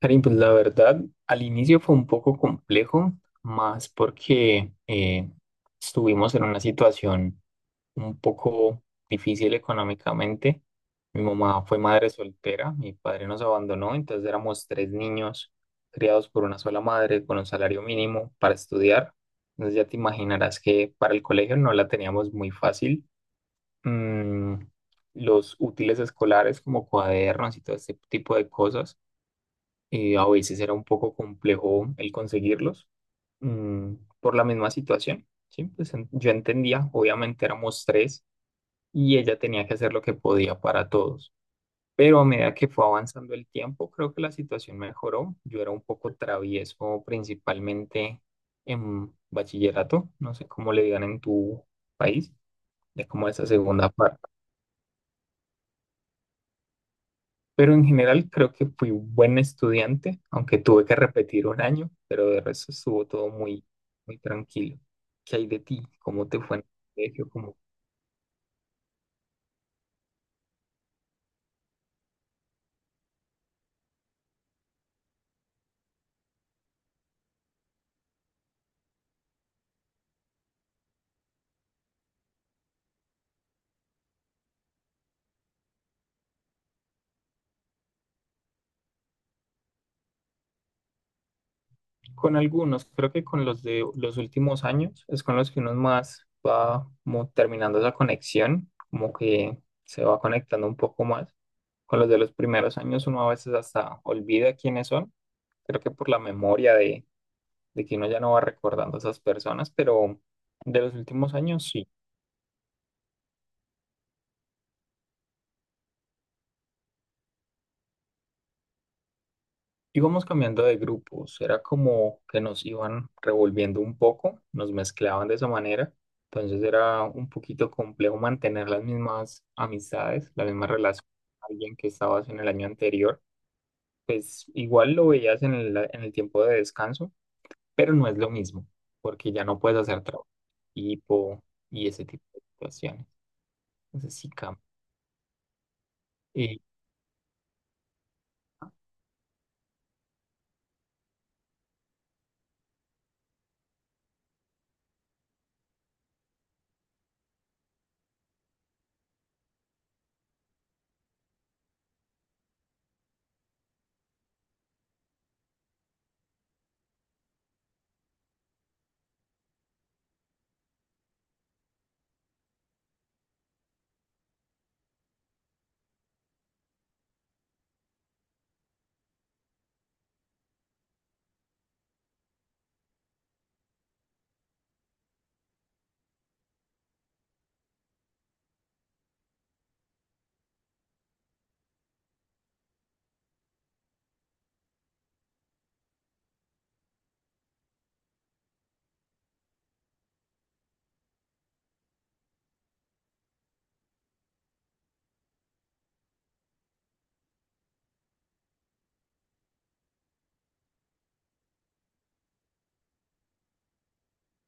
Karim, pues la verdad, al inicio fue un poco complejo, más porque estuvimos en una situación un poco difícil económicamente. Mi mamá fue madre soltera, mi padre nos abandonó, entonces éramos tres niños criados por una sola madre con un salario mínimo para estudiar. Entonces ya te imaginarás que para el colegio no la teníamos muy fácil. Mm, los útiles escolares como cuadernos y todo ese tipo de cosas a veces era un poco complejo el conseguirlos mm, por la misma situación, ¿sí? Pues yo entendía, obviamente éramos tres y ella tenía que hacer lo que podía para todos, pero a medida que fue avanzando el tiempo, creo que la situación mejoró. Yo era un poco travieso principalmente en bachillerato, no sé cómo le digan en tu país, es como esa segunda parte. Pero en general creo que fui buen estudiante, aunque tuve que repetir un año, pero de resto estuvo todo muy, muy tranquilo. ¿Qué hay de ti? ¿Cómo te fue en el colegio? ¿Cómo- Con algunos, creo que con los de los últimos años es con los que uno más va como terminando esa conexión, como que se va conectando un poco más. Con los de los primeros años uno a veces hasta olvida quiénes son, creo que por la memoria de, que uno ya no va recordando a esas personas, pero de los últimos años sí. Íbamos cambiando de grupos, era como que nos iban revolviendo un poco, nos mezclaban de esa manera, entonces era un poquito complejo mantener las mismas amistades, la misma relación con alguien que estabas en el año anterior, pues igual lo veías en el tiempo de descanso, pero no es lo mismo, porque ya no puedes hacer trabajo en equipo y ese tipo de situaciones, entonces sí cambia. ¿Y,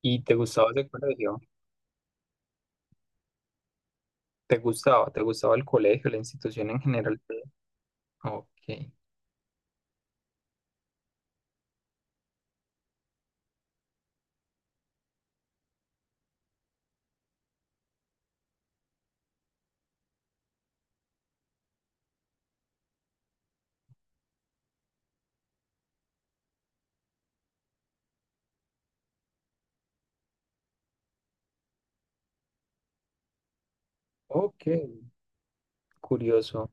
y te gustaba ese colegio? ¿Te gustaba? ¿Te gustaba el colegio, la institución en general? Ok. Ok, curioso.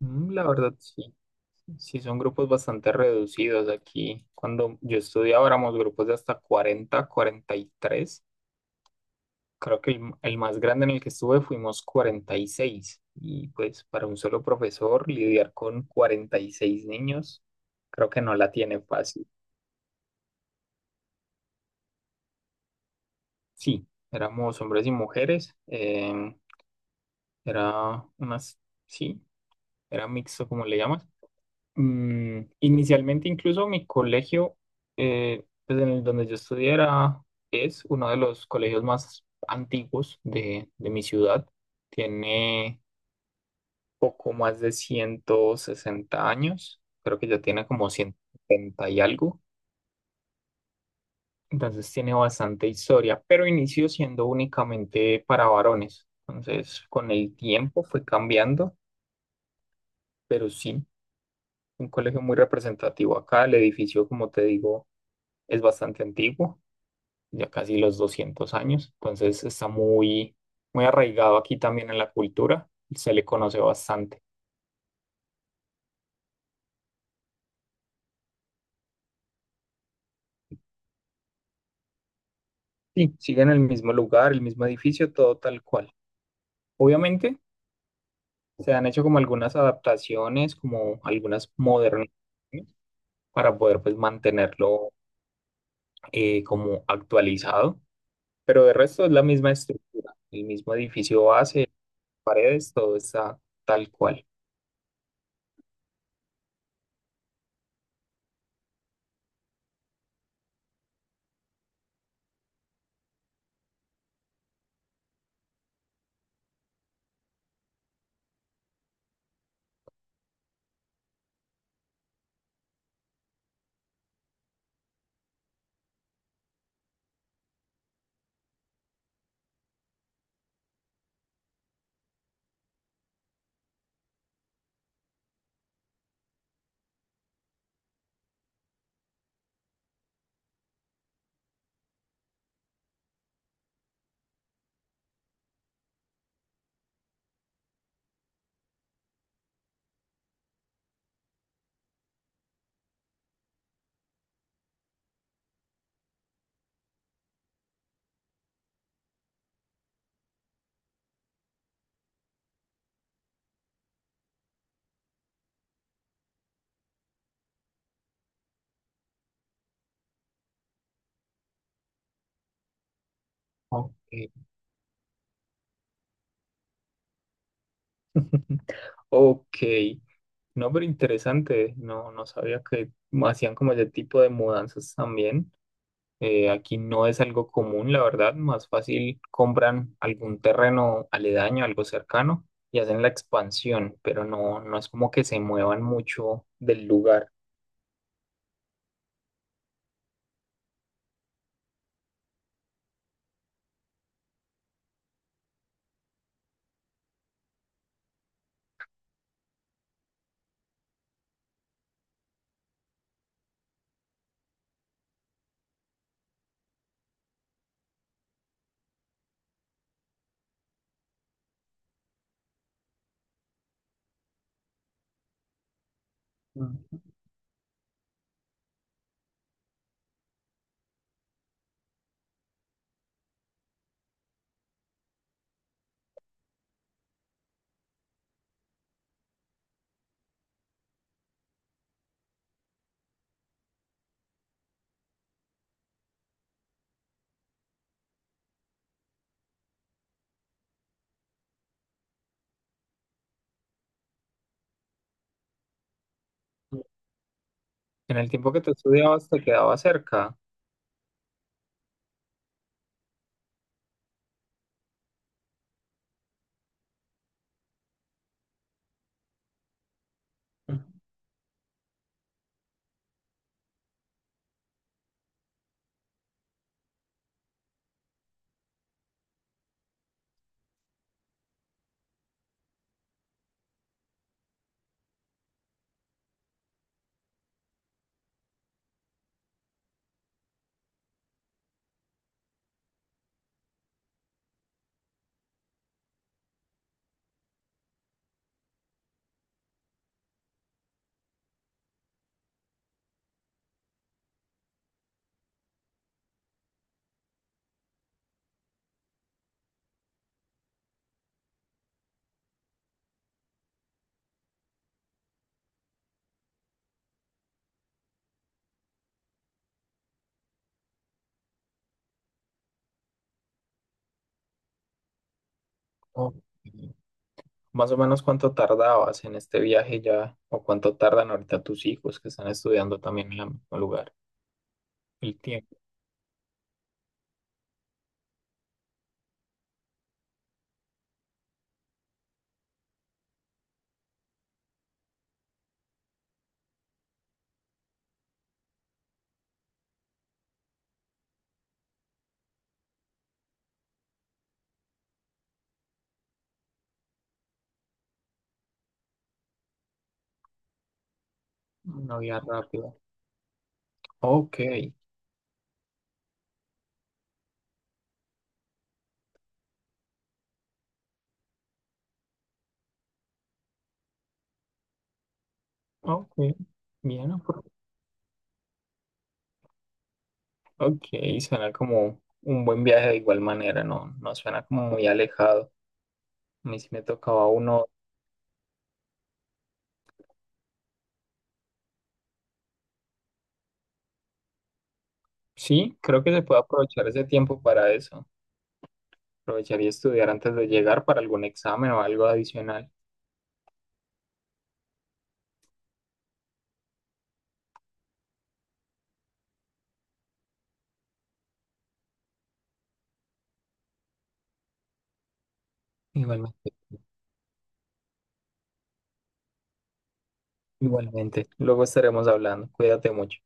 Mm, la verdad, sí. Sí, son grupos bastante reducidos aquí. Cuando yo estudiaba éramos grupos de hasta cuarenta, cuarenta y tres. Creo que el más grande en el que estuve fuimos cuarenta y seis. Y pues para un solo profesor lidiar con 46 niños, creo que no la tiene fácil. Sí, éramos hombres y mujeres. Era unas, sí, era mixto como le llamas. Mm, inicialmente incluso mi colegio, pues en el donde yo estudié era- es uno de los colegios más antiguos de mi ciudad. Tiene poco más de 160 años, creo que ya tiene como 170 y algo, entonces tiene bastante historia, pero inició siendo únicamente para varones. Entonces con el tiempo fue cambiando, pero sí, un colegio muy representativo acá, el edificio, como te digo, es bastante antiguo. Ya casi los 200 años, entonces está muy, muy arraigado aquí también en la cultura, se le conoce bastante. Sí, sigue en el mismo lugar, el mismo edificio, todo tal cual. Obviamente se han hecho como algunas adaptaciones, como algunas modernas, para poder pues mantenerlo como actualizado, pero de resto es la misma estructura, el mismo edificio base, paredes, todo está tal cual. Ok. Ok, no, pero interesante, no, no sabía que hacían como ese tipo de mudanzas también. Aquí no es algo común, la verdad, más fácil compran algún terreno aledaño, algo cercano, y hacen la expansión, pero no, no es como que se muevan mucho del lugar. Ujú. En el tiempo que tú estudiabas, te quedaba cerca. Ujú. Ok. Más o menos cuánto tardabas en este viaje ya, o cuánto tardan ahorita tus hijos que están estudiando también en el mismo lugar. El tiempo. Una vía rápida. Ok, ok. Bien, apro- ok. Suena como un buen viaje de igual manera, no, no suena como muy alejado. A mí sí me tocaba uno. Sí, creo que se puede aprovechar ese tiempo para eso. Aprovechar y estudiar antes de llegar para algún examen o algo adicional. Igualmente, igualmente. Luego estaremos hablando. Cuídate mucho.